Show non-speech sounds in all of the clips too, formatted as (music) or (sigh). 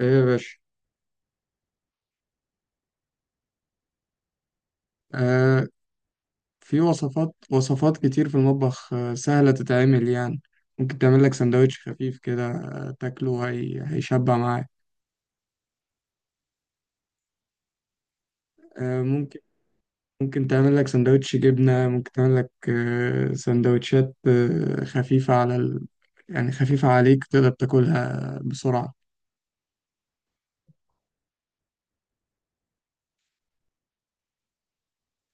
ايه يا باشا. آه. في وصفات وصفات كتير في المطبخ سهلة تتعمل يعني. ممكن تعمل لك سندوتش خفيف كده تاكله هي هيشبع معاك. آه، ممكن. ممكن تعمل لك سندوتش جبنة ممكن تعمل لك سندوتشات خفيفة يعني خفيفة عليك تقدر تاكلها بسرعة.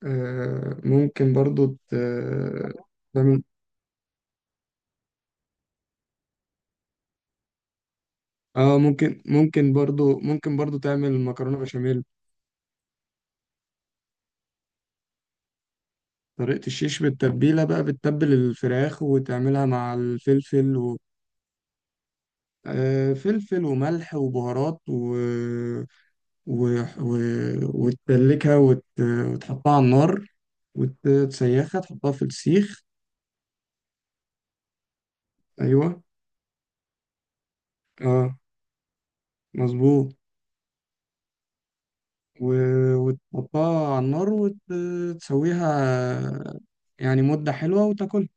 آه، ممكن برضو تعمل. اه، ممكن برضو تعمل مكرونة بشاميل. طريقة الشيش بالتتبيلة بقى بتتبل الفراخ وتعملها مع الفلفل آه، فلفل وملح وبهارات و... و... وتدلكها وتحطها على النار. وتسيخها تحطها في السيخ. أيوة. اه. مظبوط. و... وتحطها على النار وتسويها. يعني مدة حلوة وتاكلها.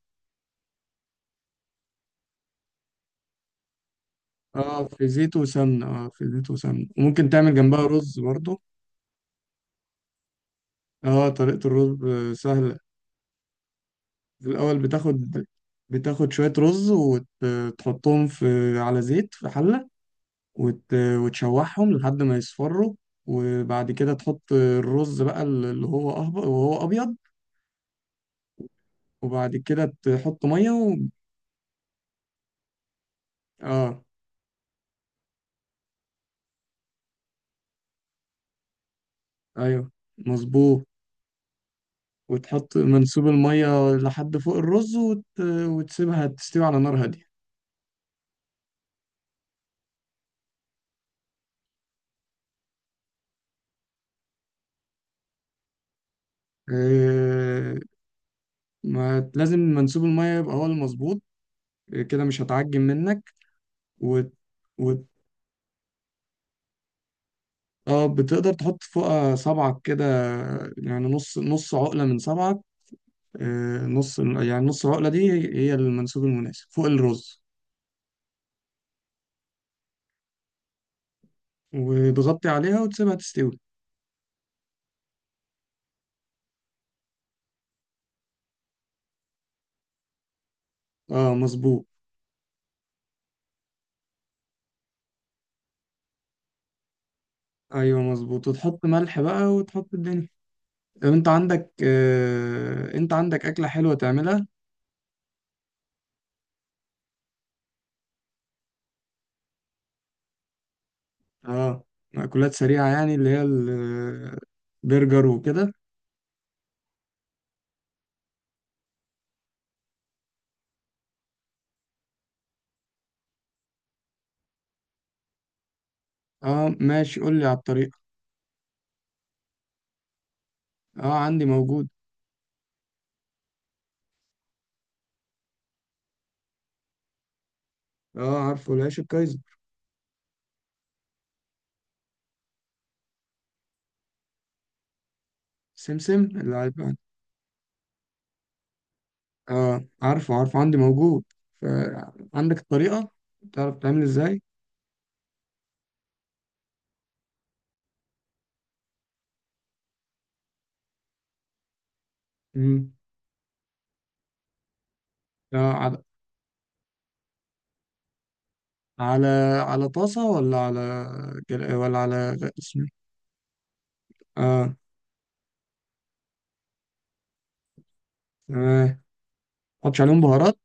في زيت وسمنة وممكن تعمل جنبها رز برضو. اه، طريقة الرز سهلة. الأول بتاخد. بتاخد شوية رز وتحطهم في على زيت في حلة. وتشوحهم لحد ما يصفروا. وبعد كده تحط الرز بقى اللي هو أهبط وهو أبيض. وبعد كده تحط مية آه. أيوه. مظبوط. وتحط منسوب المية لحد فوق الرز وتسيبها تستوي على نار هادية. آه. ما لازم منسوب المية يبقى هو المظبوط. كده مش هتعجن منك. وت... اه، بتقدر تحط فوقها صبعك كده. يعني نص نص عقلة من صبعك. آه، نص يعني نص العقلة دي هي هي المنسوب المناسب فوق الرز. وتغطي عليها وتسيبها تستوي. اه، مظبوط. ايوه، مظبوط، وتحط ملح بقى وتحط الدنيا. طب انت عندك أكلة حلوة تعملها؟ اه. مأكولات سريعة يعني اللي هي البرجر وكده. اه، ماشي، قول لي على الطريقة. اه، عندي موجود. اه، عارفه العيش الكايزر. سمسم اللي عارف. اه، عارفه عارفه عندي موجود. فعندك الطريقة. تعرف تعمل ازاي؟ مم. لا، على على طاسة ولا على اسمه إيه؟ اه، تمام. حطش عليهم بهارات؟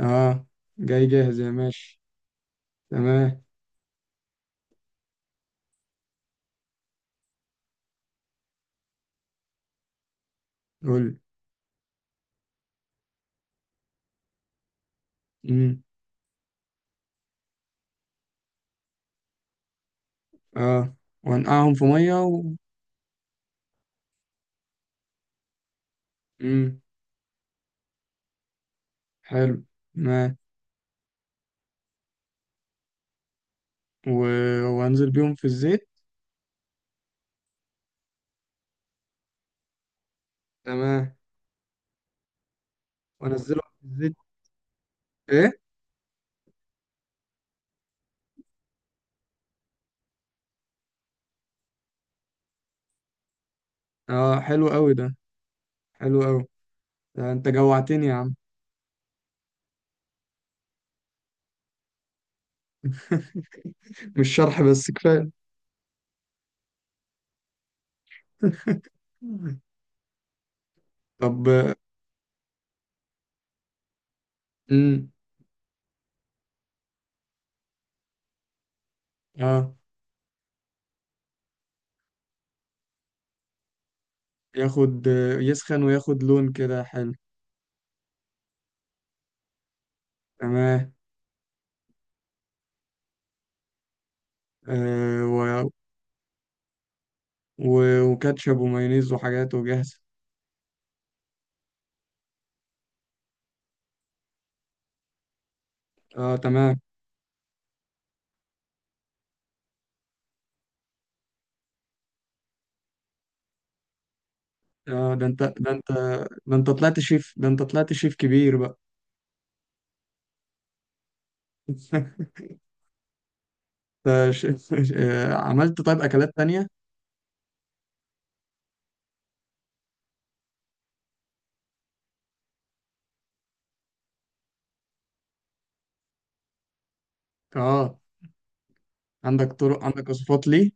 اه، جاي جاهز، يا ماشي. تمام. قول. امم. اه. وانقعهم في مية امم. حلو. تمام. و... وانزل بيهم في الزيت. تمام. وانزلهم في الزيت. ايه؟ اه، حلو قوي ده. حلو قوي. ده انت جوعتني يا عم. (laughs) مش شرح بس كفاية. (laughs) طب. امم. اه، ياخد. يسخن وياخد لون كده حلو. تمام. آه. وكاتشب ومايونيز وحاجات وجاهزة. اه، تمام. اه. ده انت ده انت. ده انت طلعت شيف. ده انت طلعت شيف كبير بقى. (laughs) انت عملت طيب اكلات تانية؟ اه، عندك طرق، عندك وصفات ليه؟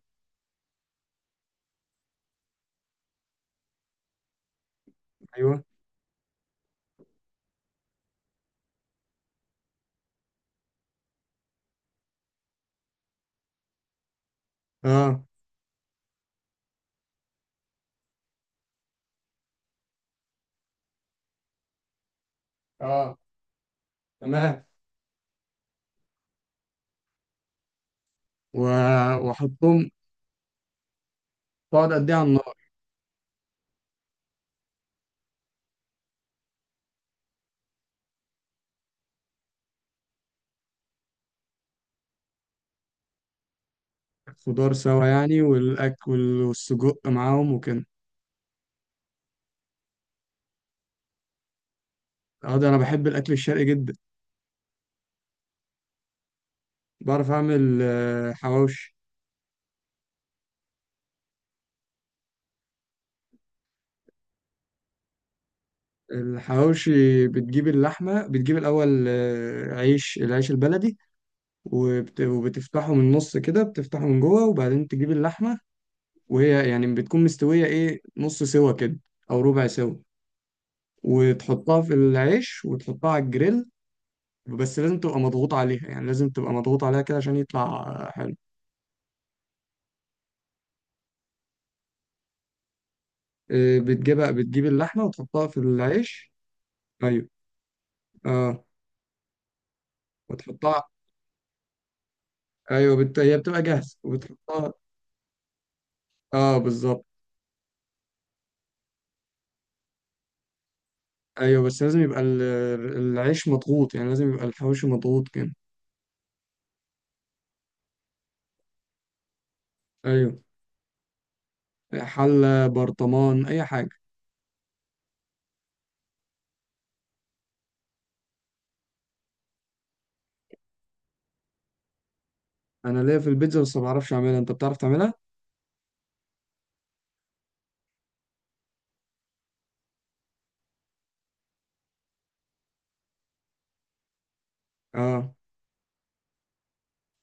ايوه. اه. اه، تمام. و... وحطهم. تقعد قد ايه على النار؟ خضار سوا يعني والأكل والسجق معاهم وكده. اه، ده أنا بحب الأكل الشرقي جدا. بعرف أعمل حواوشي. الحواوشي بتجيب اللحمة بتجيب الأول العيش البلدي. وبتفتحه من النص كده بتفتحه من جوه وبعدين تجيب اللحمة. وهي يعني بتكون مستوية إيه نص سوا كده. أو ربع سوا. وتحطها في العيش وتحطها على الجريل. بس لازم تبقى مضغوط عليها، يعني لازم تبقى مضغوط عليها كده عشان يطلع حلو. آه، بتجيب اللحمة وتحطها في العيش. أيوه. أه. وتحطها. أيوه، هي بتبقى جاهزة وبتحطها. أه، بالظبط. أيوه بس لازم يبقى العيش مضغوط، يعني لازم يبقى الحواوشي مضغوط كده. أيوه. حلة، برطمان، أي حاجة. أنا ليا في البيتزا بس ما بعرفش أعملها. أنت بتعرف تعملها؟ أه.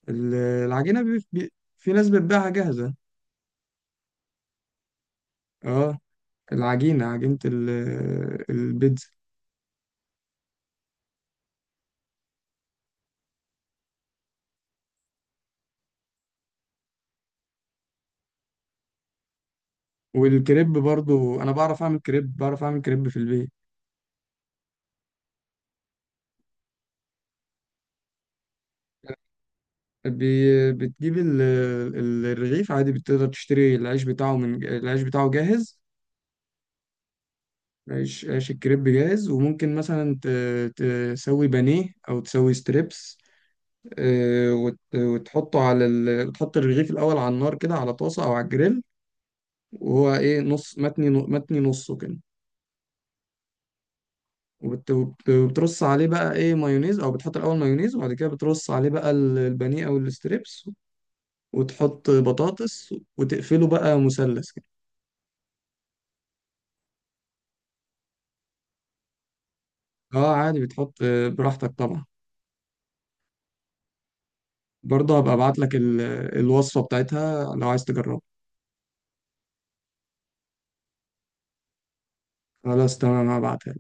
العجينة في ناس بتبيعها جاهزة. أه. العجينة عجينة البيتزا. والكريب برضو أنا بعرف أعمل كريب بعرف أعمل كريب في البيت. بتجيب الرغيف عادي بتقدر تشتري العيش بتاعه من العيش بتاعه جاهز. عيش الكريب جاهز وممكن مثلا تسوي بانيه او تسوي ستريبس. آه، وتحط الرغيف الاول على النار كده على طاسه او على الجريل. وهو ايه نص متني متني نصه كده. وبترص عليه بقى ايه مايونيز او بتحط الاول مايونيز وبعد كده بترص عليه بقى البانيه او الستريبس. وتحط بطاطس وتقفله بقى مثلث كده. اه، عادي بتحط براحتك طبعا. برضه هبقى ابعت لك الوصفة بتاعتها لو عايز تجربها. خلاص تمام هبعتها.